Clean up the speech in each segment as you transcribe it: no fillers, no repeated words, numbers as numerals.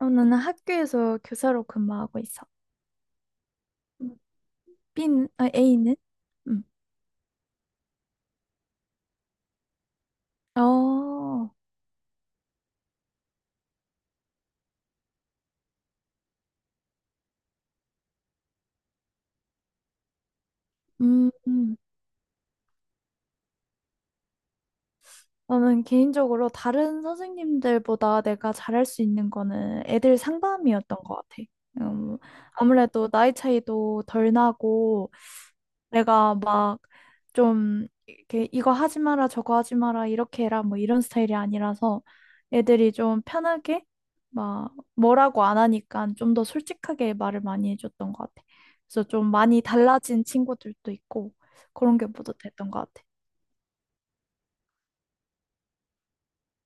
나는 학교에서 교사로 근무하고 있어. 음. A는? 음. 어, 음, 음. 나는 개인적으로 다른 선생님들보다 내가 잘할 수 있는 거는 애들 상담이었던 것 같아. 음, 아무래도 나이 차이도 덜 나고, 내가 막 좀 이렇게 이거 하지 마라 저거 하지 마라 이렇게 해라 뭐 이런 스타일이 아니라서 애들이 좀 편하게 막 뭐라고 안 하니까 좀 더 솔직하게 말을 많이 해줬던 것 같아. 그래서 좀 많이 달라진 친구들도 있고 그런 게 뿌듯했던 것 같아.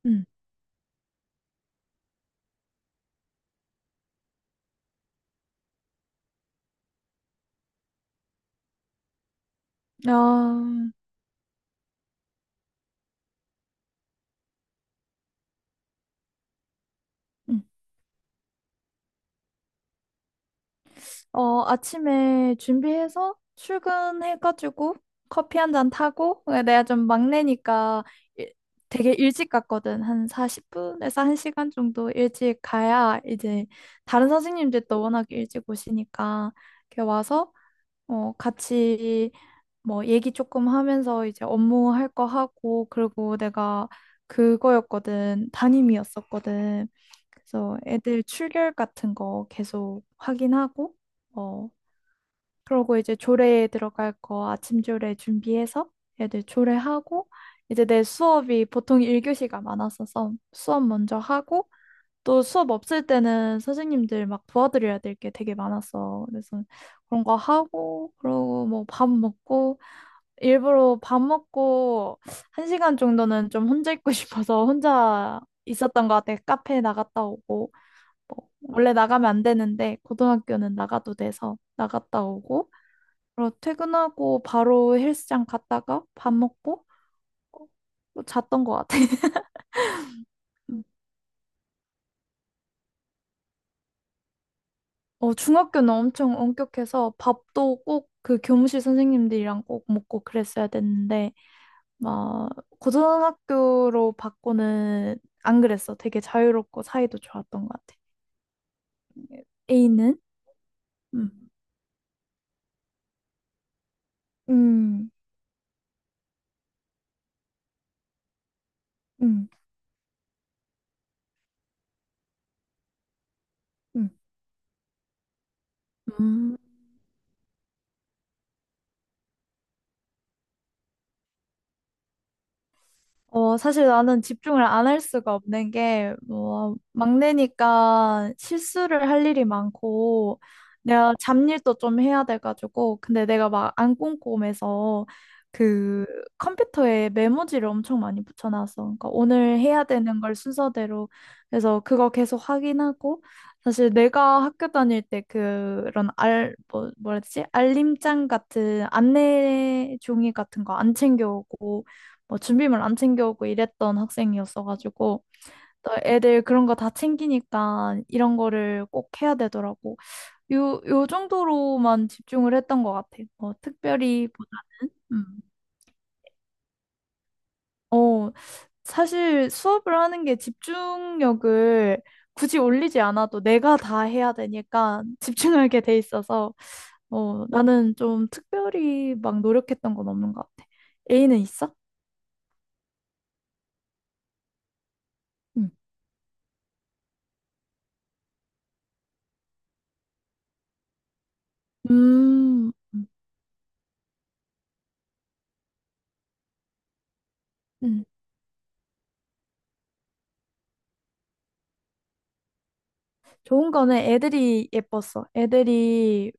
음. 아, 음. 아침에 준비해서 출근해가지고 커피 한 잔 타고 내가 좀 막내니까 일- 되게 일찍 갔거든. 한 40분에서 1시간 정도 일찍 가야 이제 다른 선생님들도 워낙 일찍 오시니까 이렇게 와서 같이 뭐 얘기 조금 하면서 이제 업무 할 거 하고 그리고 내가 그거였거든. 담임이었었거든. 그래서 애들 출결 같은 거 계속 확인하고 어, 그러고 이제 조례에 들어갈 거 아침 조례 준비해서 애들 조례하고 이제 내 수업이 보통 1교시가 많았어서 수업 먼저 하고 또 수업 없을 때는 선생님들 막 도와드려야 될 게 되게 많았어. 그래서 그런 거 하고 그러고 뭐 밥 먹고 일부러 밥 먹고 1시간 정도는 좀 혼자 있고 싶어서 혼자 있었던 것 같아. 카페 나갔다 오고 뭐 원래 나가면 안 되는데 고등학교는 나가도 돼서 나갔다 오고 바로 퇴근하고 바로 헬스장 갔다가 밥 먹고 어, 잤던 것 같아. 음. 중학교는 엄청 엄격해서 밥도 꼭 그 교무실 선생님들이랑 꼭 먹고 그랬어야 됐는데, 막, 고등학교로 바꾸는 안 그랬어. 되게 자유롭고 사이도 좋았던 것 같아. A는? 음. 음, 음, 음. 음. 사실 나는 집중을 안 할 수가 없는 게, 뭐, 막내니까 실수를 할 일이 많고, 내가 잡일도 좀 해야 돼가지고, 근데 내가 막 안 꼼꼼해서, 그 컴퓨터에 메모지를 엄청 많이 붙여놨어. 그러니까 오늘 해야 되는 걸 순서대로 그래서 그거 계속 확인하고, 사실 내가 학교 다닐 때 그런 뭐, 뭐라 해야 되지? 알림장 같은 안내 종이 같은 거 안 챙겨오고, 뭐 준비물 안 챙겨오고 이랬던 학생이었어가지고 또 애들 그런 거 다 챙기니까 이런 거를 꼭 해야 되더라고. 요 정도로만 집중을 했던 것 같아. 뭐 특별히 보다는 어, 사실 수업을 하는 게 집중력을 굳이 올리지 않아도 내가 다 해야 되니까 집중하게 돼 있어서 나는 좀 특별히 막 노력했던 건 없는 것 같아. A는 있어? 응. 음. 음. 좋은 거는 애들이 예뻤어. 애들이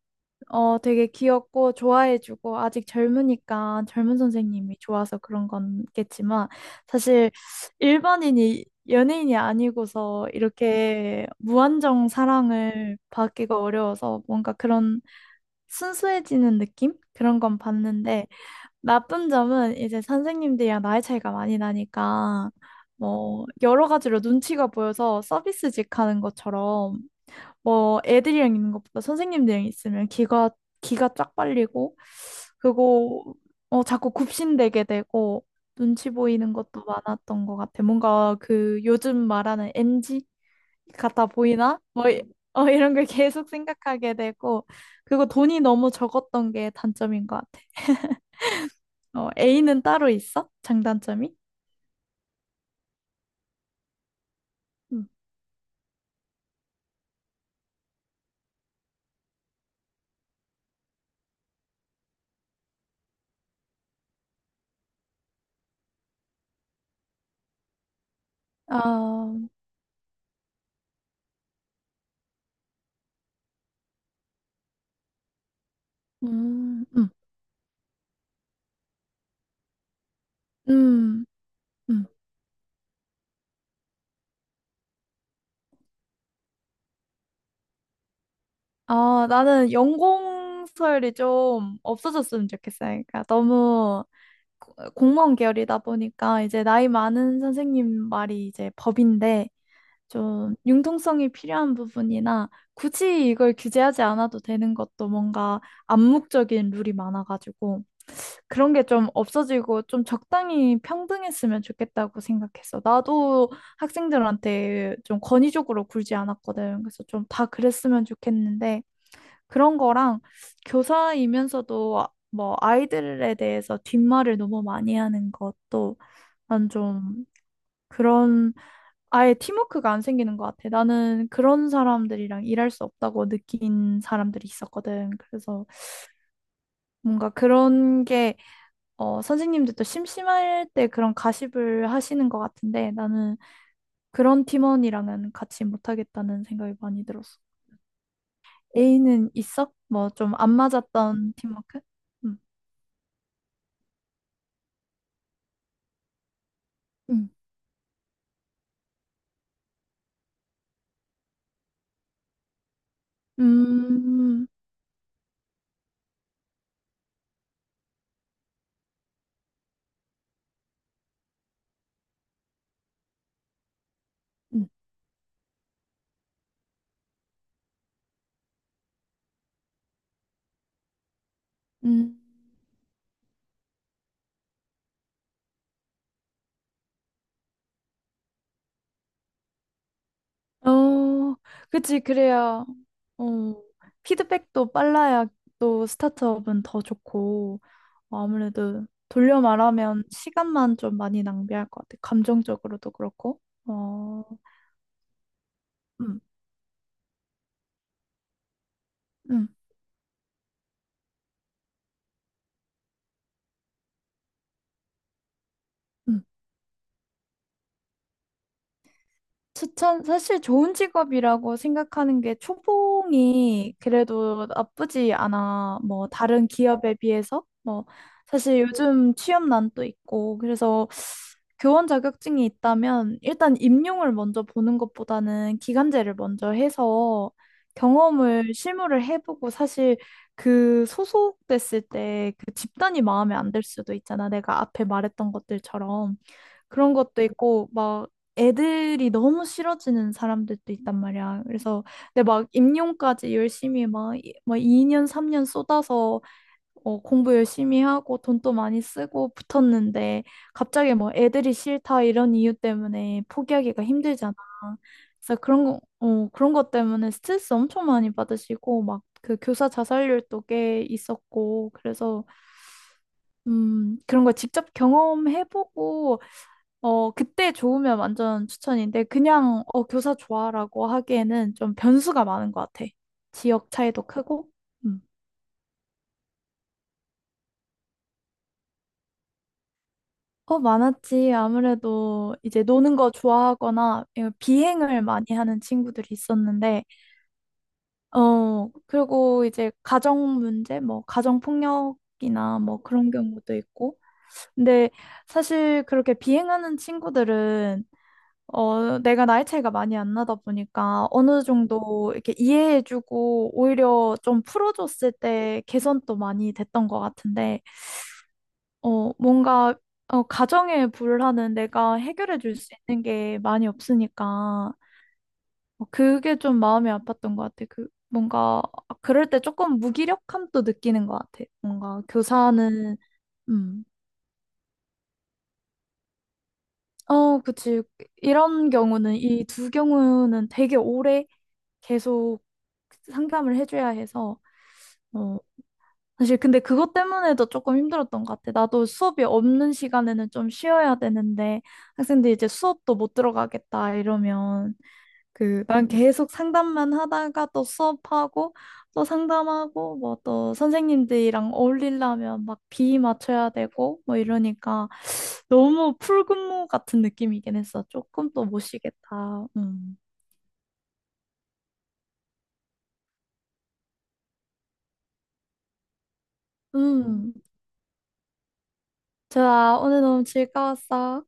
되게 귀엽고 좋아해주고 아직 젊으니까 젊은 선생님이 좋아서 그런 건겠지만 사실 일반인이 연예인이 아니고서 이렇게 무한정 사랑을 받기가 어려워서 뭔가 그런 순수해지는 느낌? 그런 건 봤는데 나쁜 점은 이제 선생님들이랑 나이 차이가 많이 나니까 뭐 여러 가지로 눈치가 보여서 서비스직 하는 것처럼 뭐 애들이랑 있는 것보다 선생님들이랑 있으면 기가 쫙 빨리고 그리고 자꾸 굽신대게 되고 눈치 보이는 것도 많았던 것 같아. 뭔가 그 요즘 말하는 NG 같아 보이나? 이런 걸 계속 생각하게 되고 그리고 돈이 너무 적었던 게 단점인 것 같아. A는 따로 있어? 장단점이? 음. 아, 음, 음, 음, 음. 아, 나는 연공서열이 좀 없어졌으면 좋겠어. 그러니까 너무 공무원 계열이다 보니까 이제 나이 많은 선생님 말이 이제 법인데 좀 융통성이 필요한 부분이나 굳이 이걸 규제하지 않아도 되는 것도 뭔가 암묵적인 룰이 많아가지고 그런 게 좀 없어지고 좀 적당히 평등했으면 좋겠다고 생각했어. 나도 학생들한테 좀 권위적으로 굴지 않았거든. 그래서 좀 다 그랬으면 좋겠는데 그런 거랑 교사이면서도 뭐 아이들에 대해서 뒷말을 너무 많이 하는 것도 난 좀 그런 아예 팀워크가 안 생기는 것 같아. 나는 그런 사람들이랑 일할 수 없다고 느낀 사람들이 있었거든. 그래서 뭔가 그런 게 선생님들도 심심할 때 그런 가십을 하시는 것 같은데 나는 그런 팀원이랑은 같이 못하겠다는 생각이 많이 들었어. A는 있어? 뭐 좀 안 맞았던 팀워크? 응. 응. 음, 음. 음. 어, 그치, 그래야, 어, 피드백도 빨라야 또 스타트업은 더 좋고, 아무래도 돌려 말하면 시간만 좀 많이 낭비할 것 같아. 감정적으로도 그렇고. 어, 음, 음, 음. 추천, 사실 좋은 직업이라고 생각하는 게 초봉이 그래도 나쁘지 않아. 뭐, 다른 기업에 비해서. 뭐, 사실 요즘 취업난도 있고, 그래서 교원 자격증이 있다면 일단 임용을 먼저 보는 것보다는 기간제를 먼저 해서 경험을 실무를 해보고 사실 그 소속됐을 때 그 집단이 마음에 안 들 수도 있잖아. 내가 앞에 말했던 것들처럼. 그런 것도 있고 막 애들이 너무 싫어지는 사람들도 있단 말이야. 그래서 근데 막 임용까지 열심히 막, 막 2년 3년 쏟아서 공부 열심히 하고 돈도 많이 쓰고 붙었는데 갑자기 뭐 애들이 싫다 이런 이유 때문에 포기하기가 힘들잖아. 그래서 그런 거, 그런 것 때문에 스트레스 엄청 많이 받으시고 막 그 교사 자살률도 꽤 있었고 그래서 그런 걸 직접 경험해보고 그때 좋으면 완전 추천인데, 그냥, 교사 좋아라고 하기에는 좀 변수가 많은 것 같아. 지역 차이도 크고. 음. 많았지. 아무래도 이제 노는 거 좋아하거나 예, 비행을 많이 하는 친구들이 있었는데, 그리고 이제 가정 문제, 뭐, 가정 폭력이나 뭐 그런 경우도 있고. 근데 사실 그렇게 비행하는 친구들은 내가 나이 차이가 많이 안 나다 보니까 어느 정도 이렇게 이해해주고 오히려 좀 풀어줬을 때 개선도 많이 됐던 것 같은데, 뭔가, 가정의 불화는 내가 해결해 줄 수 있는 게 많이 없으니까, 그게 좀 마음이 아팠던 것 같아. 뭔가, 그럴 때 조금 무기력함도 느끼는 것 같아. 뭔가 교사는, 음, 그치. 이런 경우는, 이 두 경우는 되게 오래 계속 상담을 해줘야 해서, 어, 사실 근데 그것 때문에도 조금 힘들었던 것 같아. 나도 수업이 없는 시간에는 좀 쉬어야 되는데, 학생들이 이제 수업도 못 들어가겠다 이러면, 난 계속 상담만 하다가 또 수업하고, 또 상담하고, 뭐 또 선생님들이랑 어울리려면 막 비위 맞춰야 되고, 뭐 이러니까 너무 풀근무 같은 느낌이긴 했어. 조금 또 못 쉬겠다. 음. 음. 좋아. 오늘 너무 즐거웠어.